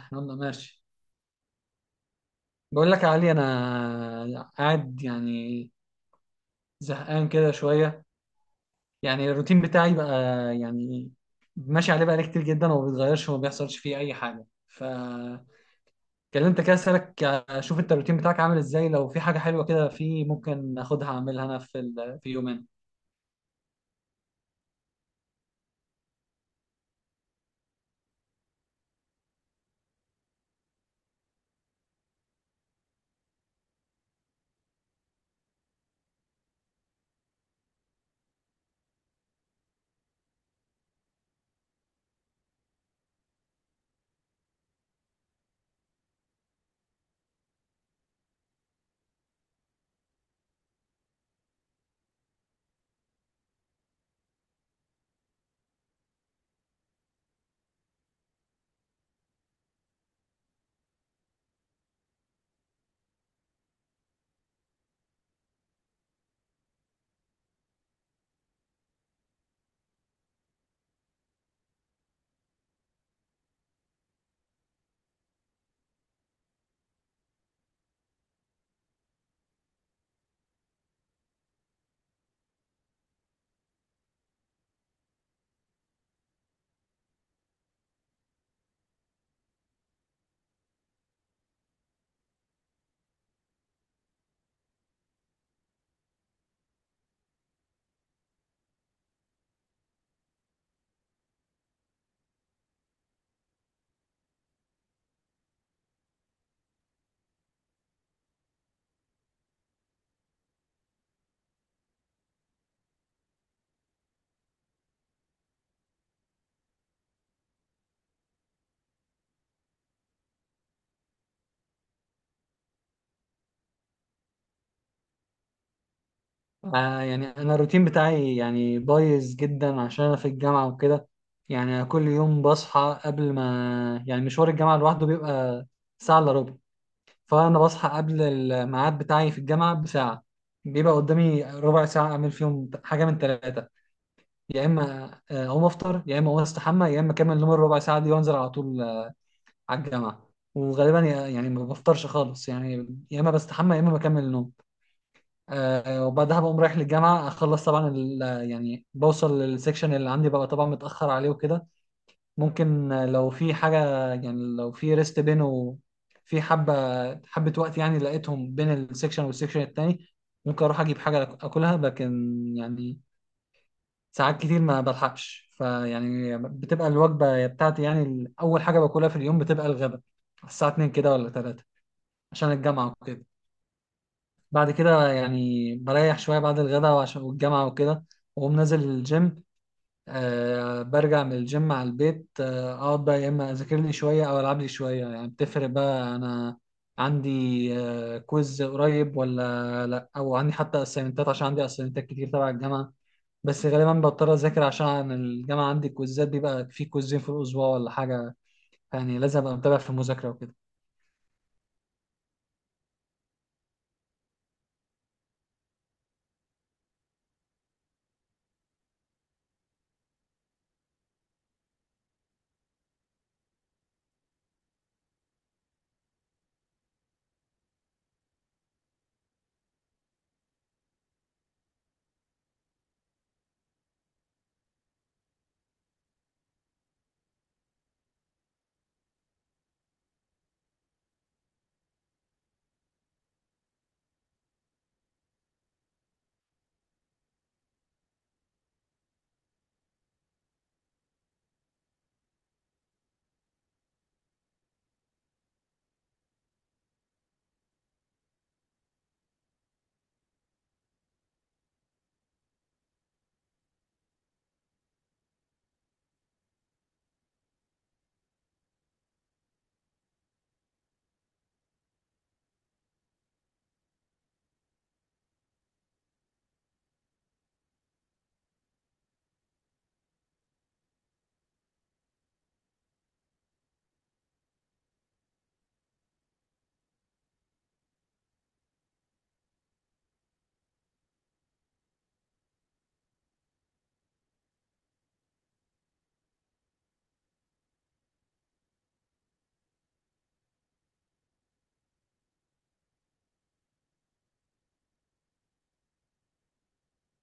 احنا قلنا ماشي. بقول لك يا علي، انا قاعد يعني زهقان كده شويه. يعني الروتين بتاعي بقى، يعني ماشي عليه بقالي كتير جدا، وما بيتغيرش وما بيحصلش فيه اي حاجه. فكلمت كده اسالك اشوف انت الروتين بتاعك عامل ازاي، لو في حاجه حلوه كده في، ممكن اخدها اعملها انا في يومين. آه، يعني انا الروتين بتاعي يعني بايظ جدا عشان انا في الجامعه وكده. يعني أنا كل يوم بصحى قبل ما، يعني مشوار الجامعه لوحده بيبقى ساعه الا ربع، فانا بصحى قبل الميعاد بتاعي في الجامعه بساعه. بيبقى قدامي ربع ساعه اعمل فيهم حاجه من ثلاثه، يا اما اقوم افطر، يا اما اقوم استحمى، يا اما اكمل نوم الربع ساعه دي وانزل على طول على الجامعه. وغالبا يعني ما بفطرش خالص، يعني يا اما بستحمى يا اما بكمل نوم. وبعدها بقوم رايح للجامعه، اخلص طبعا يعني بوصل للسكشن اللي عندي ببقى طبعا متاخر عليه وكده. ممكن لو في حاجة، يعني لو في ريست بينه، في حبة حبة وقت، يعني لقيتهم بين السكشن والسكشن التاني، ممكن أروح أجيب حاجة أكلها، لكن يعني ساعات كتير ما بلحقش. فيعني بتبقى الوجبة بتاعتي، يعني أول حاجة باكلها في اليوم بتبقى الغداء الساعة 2 كده ولا 3 عشان الجامعة وكده. بعد كده يعني بريح شوية بعد الغداء وعشان والجامعة وكده، وأقوم نازل الجيم. برجع من الجيم على البيت. اقعد بقى يا اما اذاكر لي شويه او العب لي شويه، يعني بتفرق بقى انا عندي كويز قريب ولا لا، او عندي حتى اسايمنتات، عشان عندي اسايمنتات كتير تبع الجامعه. بس غالبا بضطر اذاكر عشان الجامعه عندي كويزات، بيبقى في كويزين في الاسبوع ولا حاجه، يعني لازم ابقى متابع في المذاكره وكده.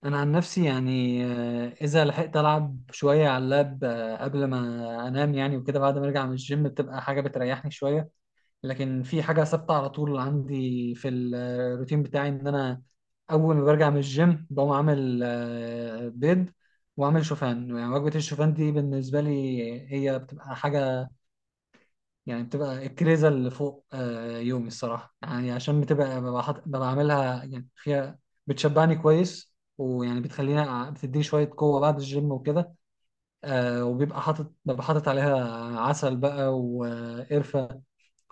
انا عن نفسي يعني، اذا لحقت العب شويه على اللاب قبل ما انام يعني، وكده بعد ما ارجع من الجيم بتبقى حاجه بتريحني شويه. لكن في حاجة ثابتة على طول عندي في الروتين بتاعي، إن أنا أول ما برجع من الجيم بقوم عامل بيض وأعمل شوفان. يعني وجبة الشوفان دي بالنسبة لي هي بتبقى حاجة، يعني بتبقى الكريزة اللي فوق يومي الصراحة. يعني عشان بتبقى ببقى عاملها يعني فيها، بتشبعني كويس، ويعني بتخليني بتديني شوية قوة بعد الجيم وكده. وبيبقى حاطط عليها عسل بقى وقرفة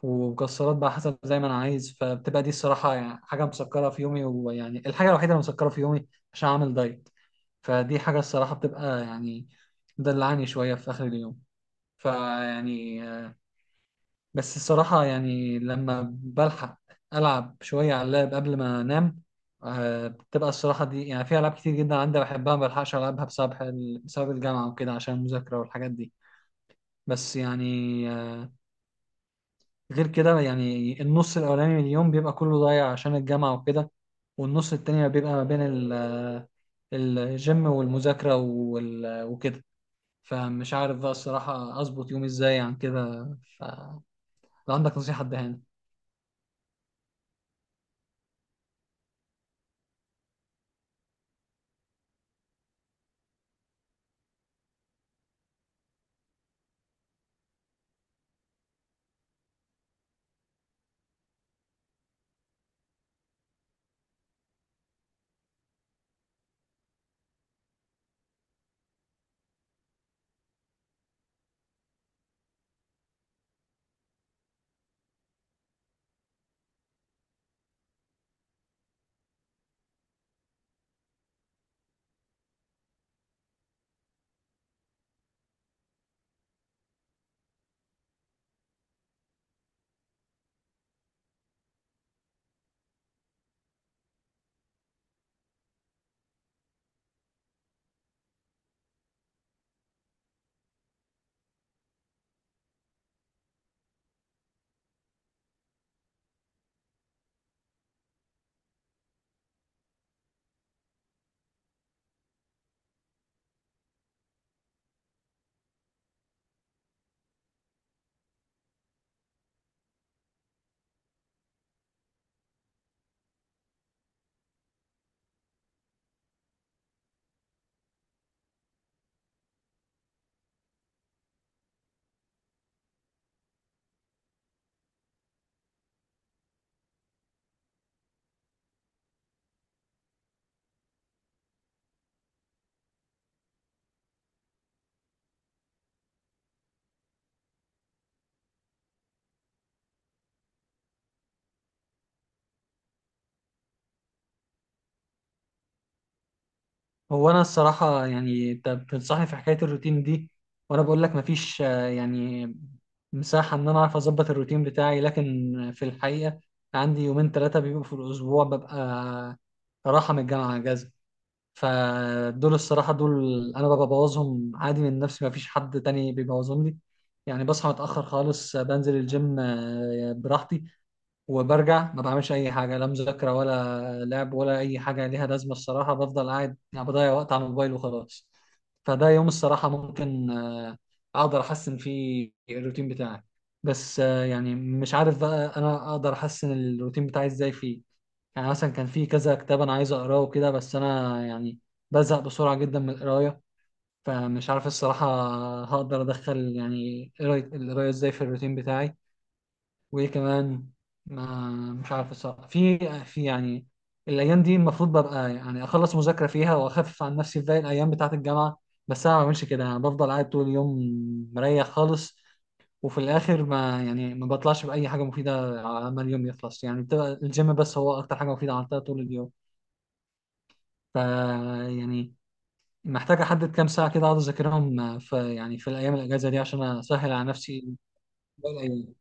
ومكسرات بقى حسب زي ما انا عايز. فبتبقى دي الصراحه، يعني حاجه مسكره في يومي، ويعني الحاجه الوحيده اللي مسكره في يومي عشان اعمل دايت. فدي حاجه الصراحه بتبقى يعني مدلعني شويه في اخر اليوم. فيعني بس الصراحه يعني لما بلحق العب شويه على اللاب قبل ما انام. بتبقى الصراحه دي، يعني في العاب كتير جدا عندي بحبها ما بلحقش العبها بسبب، بسبب الجامعه وكده، عشان المذاكره والحاجات دي. بس يعني غير كده، يعني النص الأولاني من اليوم بيبقى كله ضايع عشان الجامعة وكده، والنص التاني بيبقى ما بين الجيم والمذاكرة وكده. فمش عارف بقى الصراحة أظبط يومي إزاي عن كده. فلو عندك نصيحة اديها لي. هو أنا الصراحة يعني أنت بتنصحني في حكاية الروتين دي، وأنا بقول لك مفيش يعني مساحة إن أنا أعرف أظبط الروتين بتاعي، لكن في الحقيقة عندي يومين ثلاثة بيبقوا في الأسبوع ببقى راحة من الجامعة أجازة. فدول الصراحة، دول أنا ببقى ببوظهم عادي من نفسي، مفيش حد تاني بيبوظهم لي. يعني بصحى متأخر خالص، بنزل الجيم براحتي وبرجع. ما بعملش أي حاجة، لا مذاكرة ولا لعب ولا أي حاجة ليها لازمة. الصراحة بفضل قاعد، يعني بضيع وقت على الموبايل وخلاص. فده يوم الصراحة ممكن أقدر أحسن فيه الروتين بتاعي. بس يعني مش عارف بقى أنا أقدر أحسن الروتين بتاعي إزاي فيه. يعني مثلا كان في كذا كتاب انا عايز اقراه وكده، بس انا يعني بزهق بسرعه جدا من القرايه. فمش عارف الصراحه هقدر ادخل يعني القرايه ازاي في الروتين بتاعي. وايه كمان، ما مش عارف الصراحه في يعني الايام دي المفروض ببقى يعني اخلص مذاكره فيها واخفف عن نفسي في باقي الايام بتاعه الجامعه. بس انا ما بعملش كده، انا بفضل قاعد طول اليوم مريح خالص. وفي الاخر ما يعني ما بطلعش باي حاجه مفيده على ما اليوم يخلص. يعني بتبقى الجيم بس هو اكتر حاجه مفيده عملتها طول اليوم. ف يعني محتاج احدد كام ساعه كده اقعد اذاكرهم في، يعني في الايام الاجازه دي، عشان اسهل على نفسي باقي الأيام.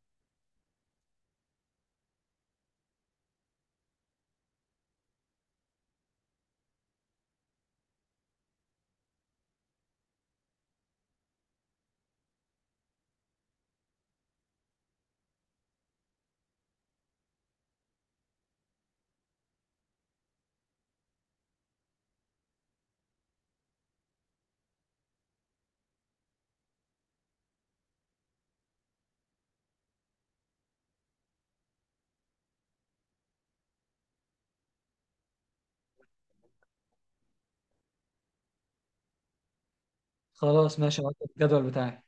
خلاص ماشي، هحط الجدول بتاعي.